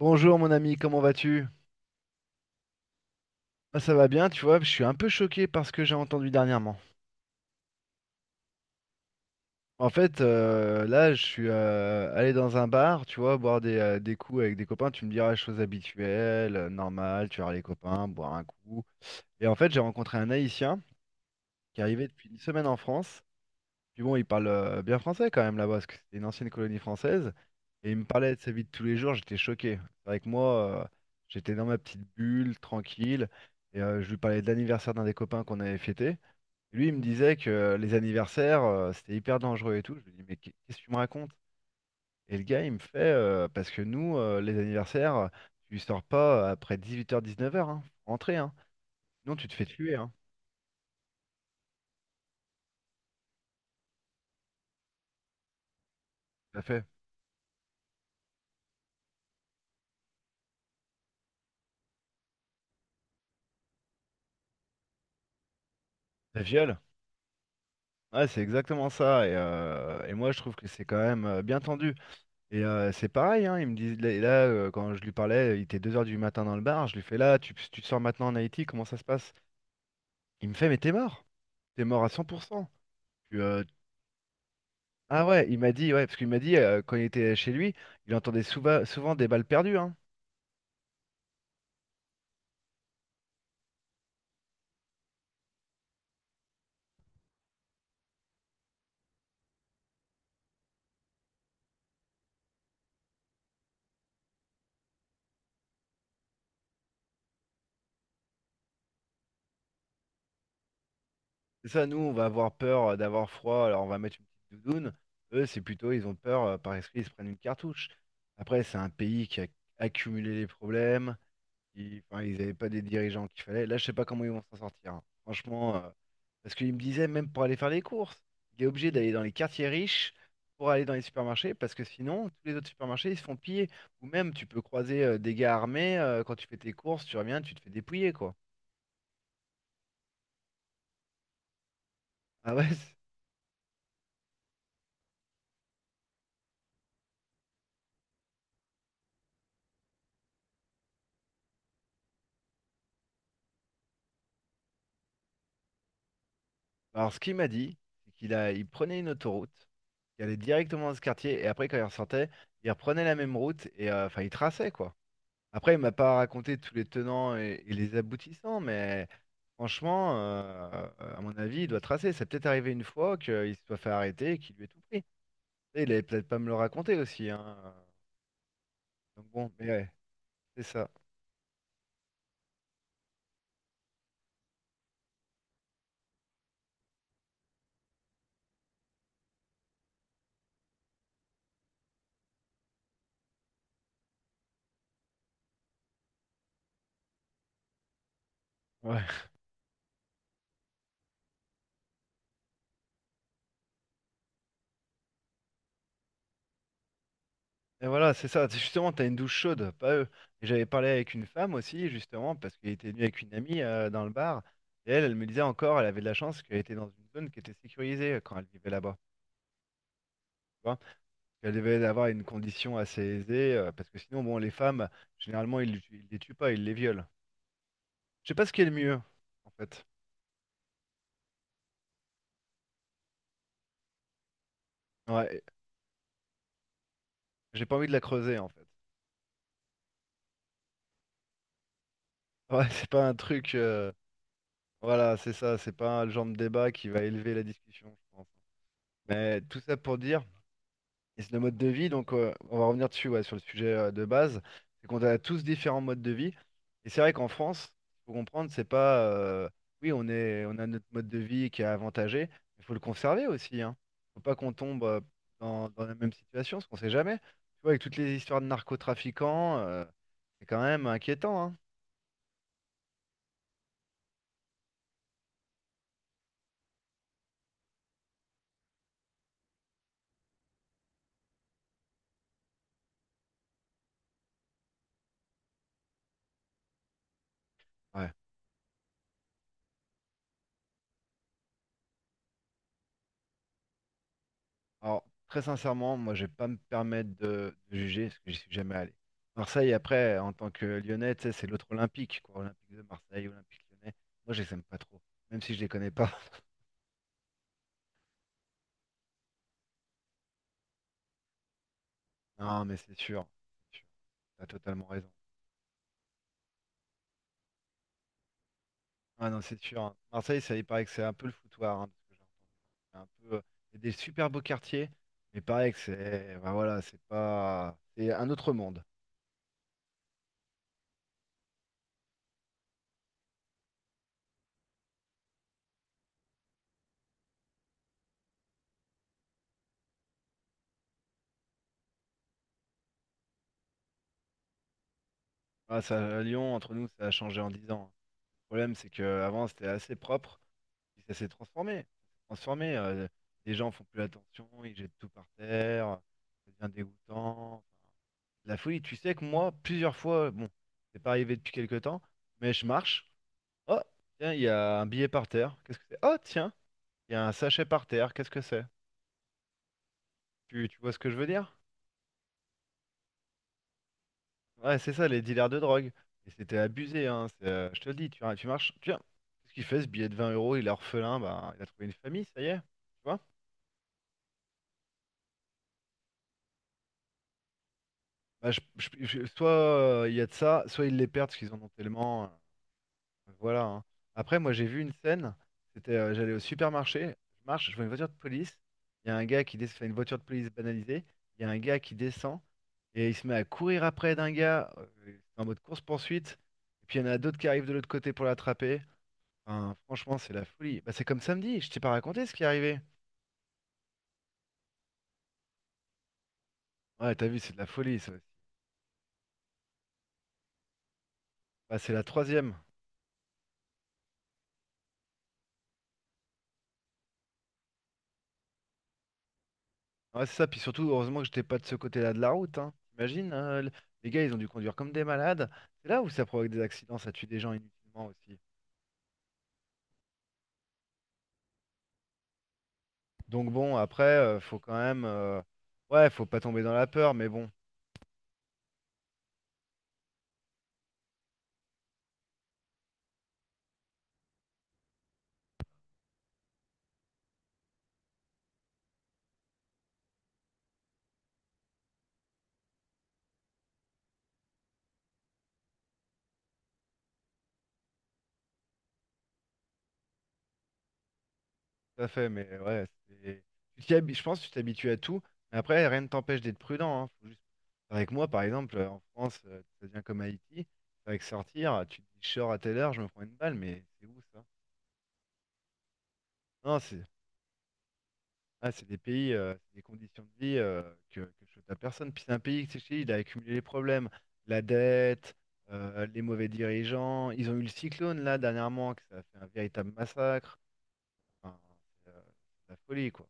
Bonjour mon ami, comment vas-tu? Moi, ça va bien, tu vois, je suis un peu choqué par ce que j'ai entendu dernièrement. En fait, là, je suis allé dans un bar, tu vois, boire des coups avec des copains, tu me diras, chose habituelle, normales. Tu vois les copains, boire un coup. Et en fait, j'ai rencontré un Haïtien qui est arrivé depuis une semaine en France. Puis bon, il parle bien français quand même là-bas, parce que c'était une ancienne colonie française. Et il me parlait de sa vie de tous les jours, j'étais choqué. C'est vrai que moi, j'étais dans ma petite bulle, tranquille. Et je lui parlais de l'anniversaire d'un des copains qu'on avait fêté. Et lui, il me disait que les anniversaires, c'était hyper dangereux et tout. Je lui dis, mais qu'est-ce que tu me racontes? Et le gars, il me fait, parce que nous, les anniversaires, tu sors pas après 18h-19h, hein. Faut rentrer, hein. Sinon, tu te fais tuer, hein. Tout à fait. Ça viole. Ouais, c'est exactement ça. Et moi, je trouve que c'est quand même bien tendu. Et c'est pareil, hein, il me dit, là, quand je lui parlais, il était 2 heures du matin dans le bar. Je lui fais là, tu te sors maintenant en Haïti, comment ça se passe? Il me fait, mais t'es mort. T'es mort à 100%. Tu, euh, Ah ouais, il m'a dit, ouais, parce qu'il m'a dit, quand il était chez lui, il entendait souvent, des balles perdues. Hein. C'est ça, nous, on va avoir peur d'avoir froid, alors on va mettre une petite doudoune. Eux, c'est plutôt, ils ont peur, par esprit ils se prennent une cartouche. Après, c'est un pays qui a accumulé les problèmes. Enfin, ils avaient pas des dirigeants qu'il fallait. Là, je sais pas comment ils vont s'en sortir, hein. Franchement, parce qu'il me disait, même pour aller faire les courses, il est obligé d'aller dans les quartiers riches pour aller dans les supermarchés, parce que sinon, tous les autres supermarchés, ils se font piller. Ou même, tu peux croiser des gars armés, quand tu fais tes courses, tu reviens, tu te fais dépouiller, quoi. Ah ouais. Alors, ce qu'il m'a dit, c'est qu'il prenait une autoroute, il allait directement dans ce quartier, et après, quand il ressortait, il reprenait la même route, et enfin, il traçait, quoi. Après, il m'a pas raconté tous les tenants et les aboutissants, mais franchement, à mon avis, il doit tracer. Ça peut-être arrivé une fois qu'il se soit fait arrêter et qu'il lui ait tout pris. Et il avait peut-être pas me le raconter aussi, hein. Donc bon, mais ouais, c'est ça. Ouais. Et voilà, c'est ça. C'est justement, t'as une douche chaude, pas eux. Et j'avais parlé avec une femme aussi, justement, parce qu'elle était venue avec une amie dans le bar. Et elle, elle me disait encore, elle avait de la chance qu'elle était dans une zone qui était sécurisée quand elle vivait là-bas. Tu vois. Qu'elles devaient avoir une condition assez aisée, parce que sinon, bon, les femmes, généralement, ils les tuent pas, ils les violent. Je sais pas ce qui est le mieux, en fait. Ouais, j'ai pas envie de la creuser, en fait. Ouais, c'est pas un truc. Voilà, c'est ça, c'est pas le genre de débat qui va élever la discussion, je pense. Mais tout ça pour dire. Et c'est le mode de vie, donc on va revenir dessus, ouais, sur le sujet de base, c'est qu'on a tous différents modes de vie. Et c'est vrai qu'en France, il faut comprendre, c'est pas, oui, on a notre mode de vie qui est avantagé, mais il faut le conserver aussi, hein. Faut pas qu'on tombe dans la même situation, parce qu'on sait jamais. Tu vois, avec toutes les histoires de narcotrafiquants, c'est quand même inquiétant, hein. Ouais. Alors, très sincèrement, moi, je vais pas me permettre de juger parce que j'y suis jamais allé. Marseille, après, en tant que Lyonnais, tu sais, c'est l'autre Olympique, quoi. Olympique de Marseille, Olympique Lyonnais. Moi, je les aime pas trop, même si je les connais pas. Non, mais c'est sûr. C'est sûr, t'as totalement raison. Ah non, c'est sûr, hein. Marseille, ça, il paraît que c'est un peu le foutoir, hein, de ce que j'ai entendu. C'est un peu, c'est des super beaux quartiers, mais pareil que c'est, bah voilà, c'est pas, c'est un autre monde. Ah, ça, Lyon, entre nous, ça a changé en 10 ans. Le problème, c'est que avant c'était assez propre. Puis ça s'est transformé. Ça s'est transformé, les gens font plus attention, ils jettent tout par terre, ça devient dégoûtant. Enfin, la folie, tu sais que moi, plusieurs fois, bon, c'est pas arrivé depuis quelque temps, mais je marche. Oh, tiens, il y a un billet par terre. Qu'est-ce que c'est? Oh, tiens, il y a un sachet par terre. Qu'est-ce que c'est? Tu vois ce que je veux dire? Ouais, c'est ça, les dealers de drogue. Et c'était abusé, hein. C'est, je te le dis, tu marches, tiens, qu'est-ce qu'il fait ce billet de 20 euros? Il est orphelin, bah, il a trouvé une famille, ça y est. Tu vois. Bah, soit il y a de ça, soit ils les perdent parce qu'ils en ont tellement. Voilà, hein. Après, moi j'ai vu une scène, c'était j'allais au supermarché, je marche, je vois une voiture de police, il y a un gars qui descend, une voiture de police banalisée, il y a un gars qui descend et il se met à courir après d'un gars en mode course-poursuite, et puis il y en a d'autres qui arrivent de l'autre côté pour l'attraper. Enfin, franchement, c'est la folie. Bah, c'est comme samedi, je t'ai pas raconté ce qui est arrivé. Ouais, t'as vu, c'est de la folie ça aussi. Bah, c'est la troisième. Ouais, c'est ça, puis surtout, heureusement que j'étais pas de ce côté-là de la route, hein. T'imagines, hein, les gars, ils ont dû conduire comme des malades. C'est là où ça provoque des accidents, ça tue des gens inutilement aussi. Donc bon, après, faut quand même. Ouais, faut pas tomber dans la peur, mais bon, tout à fait, mais ouais, c'est. Je pense que tu t'habitues à tout, mais après, rien ne t'empêche d'être prudent, hein. Avec moi, par exemple, en France, ça devient comme Haïti, avec sortir, tu te dis, je sors à telle heure, je me prends une balle, mais c'est où ça? Non, c'est. Ah, c'est des pays, c'est des conditions de vie que je souhaite à personne. Puis c'est un pays, c'est Chili, il a accumulé les problèmes, la dette, les mauvais dirigeants. Ils ont eu le cyclone là dernièrement, que ça a fait un véritable massacre. Enfin, c'est euh, c'est la folie quoi.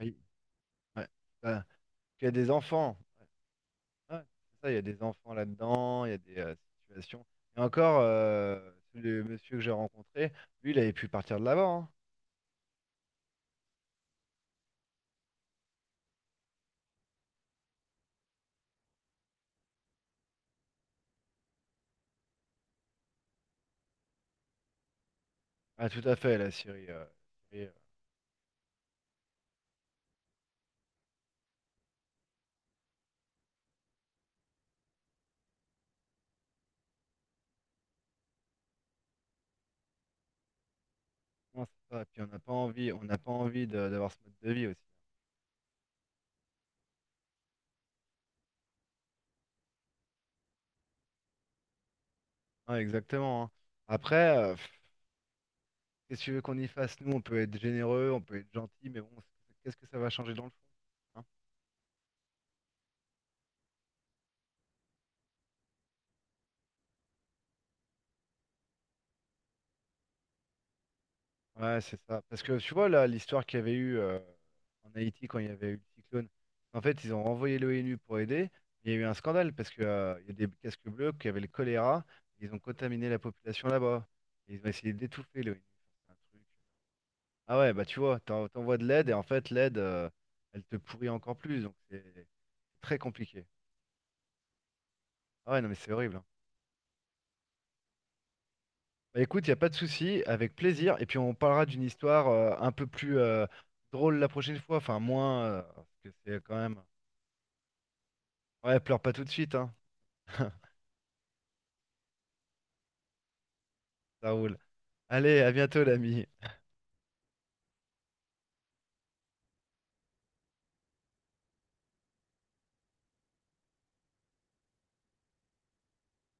Oui, ouais. Bah, il y a des enfants. Ouais, ouais, c'est ça, il y a des enfants là-dedans, il y a des situations. Et encore, le monsieur que j'ai rencontré, lui, il avait pu partir de là-bas, hein. Ah, tout à fait, la Syrie. Syrie, Non, c'est ça. Et puis on n'a pas envie, on n'a pas envie d'avoir ce mode de vie aussi. Ouais, exactement, hein. Après, qu'est-ce que tu veux qu'on y fasse? Nous, on peut être généreux, on peut être gentil, mais bon, qu'est-ce que ça va changer dans le fond, hein? Ouais, c'est ça. Parce que tu vois là, l'histoire qu'il y avait eu en Haïti quand il y avait eu le cyclone. En fait, ils ont renvoyé l'ONU pour aider. Il y a eu un scandale parce que il y a des casques bleus qui avaient le choléra. Ils ont contaminé la population là-bas. Ils ont essayé d'étouffer l'ONU. Ah ouais, bah tu vois, t'envoies de l'aide et en fait l'aide, elle te pourrit encore plus, donc c'est très compliqué. Ah ouais, non mais c'est horrible, hein. Bah écoute, il a pas de souci, avec plaisir, et puis on parlera d'une histoire un peu plus drôle la prochaine fois, enfin moins, parce que c'est quand même. Ouais, pleure pas tout de suite, hein. Ça roule. Allez, à bientôt l'ami.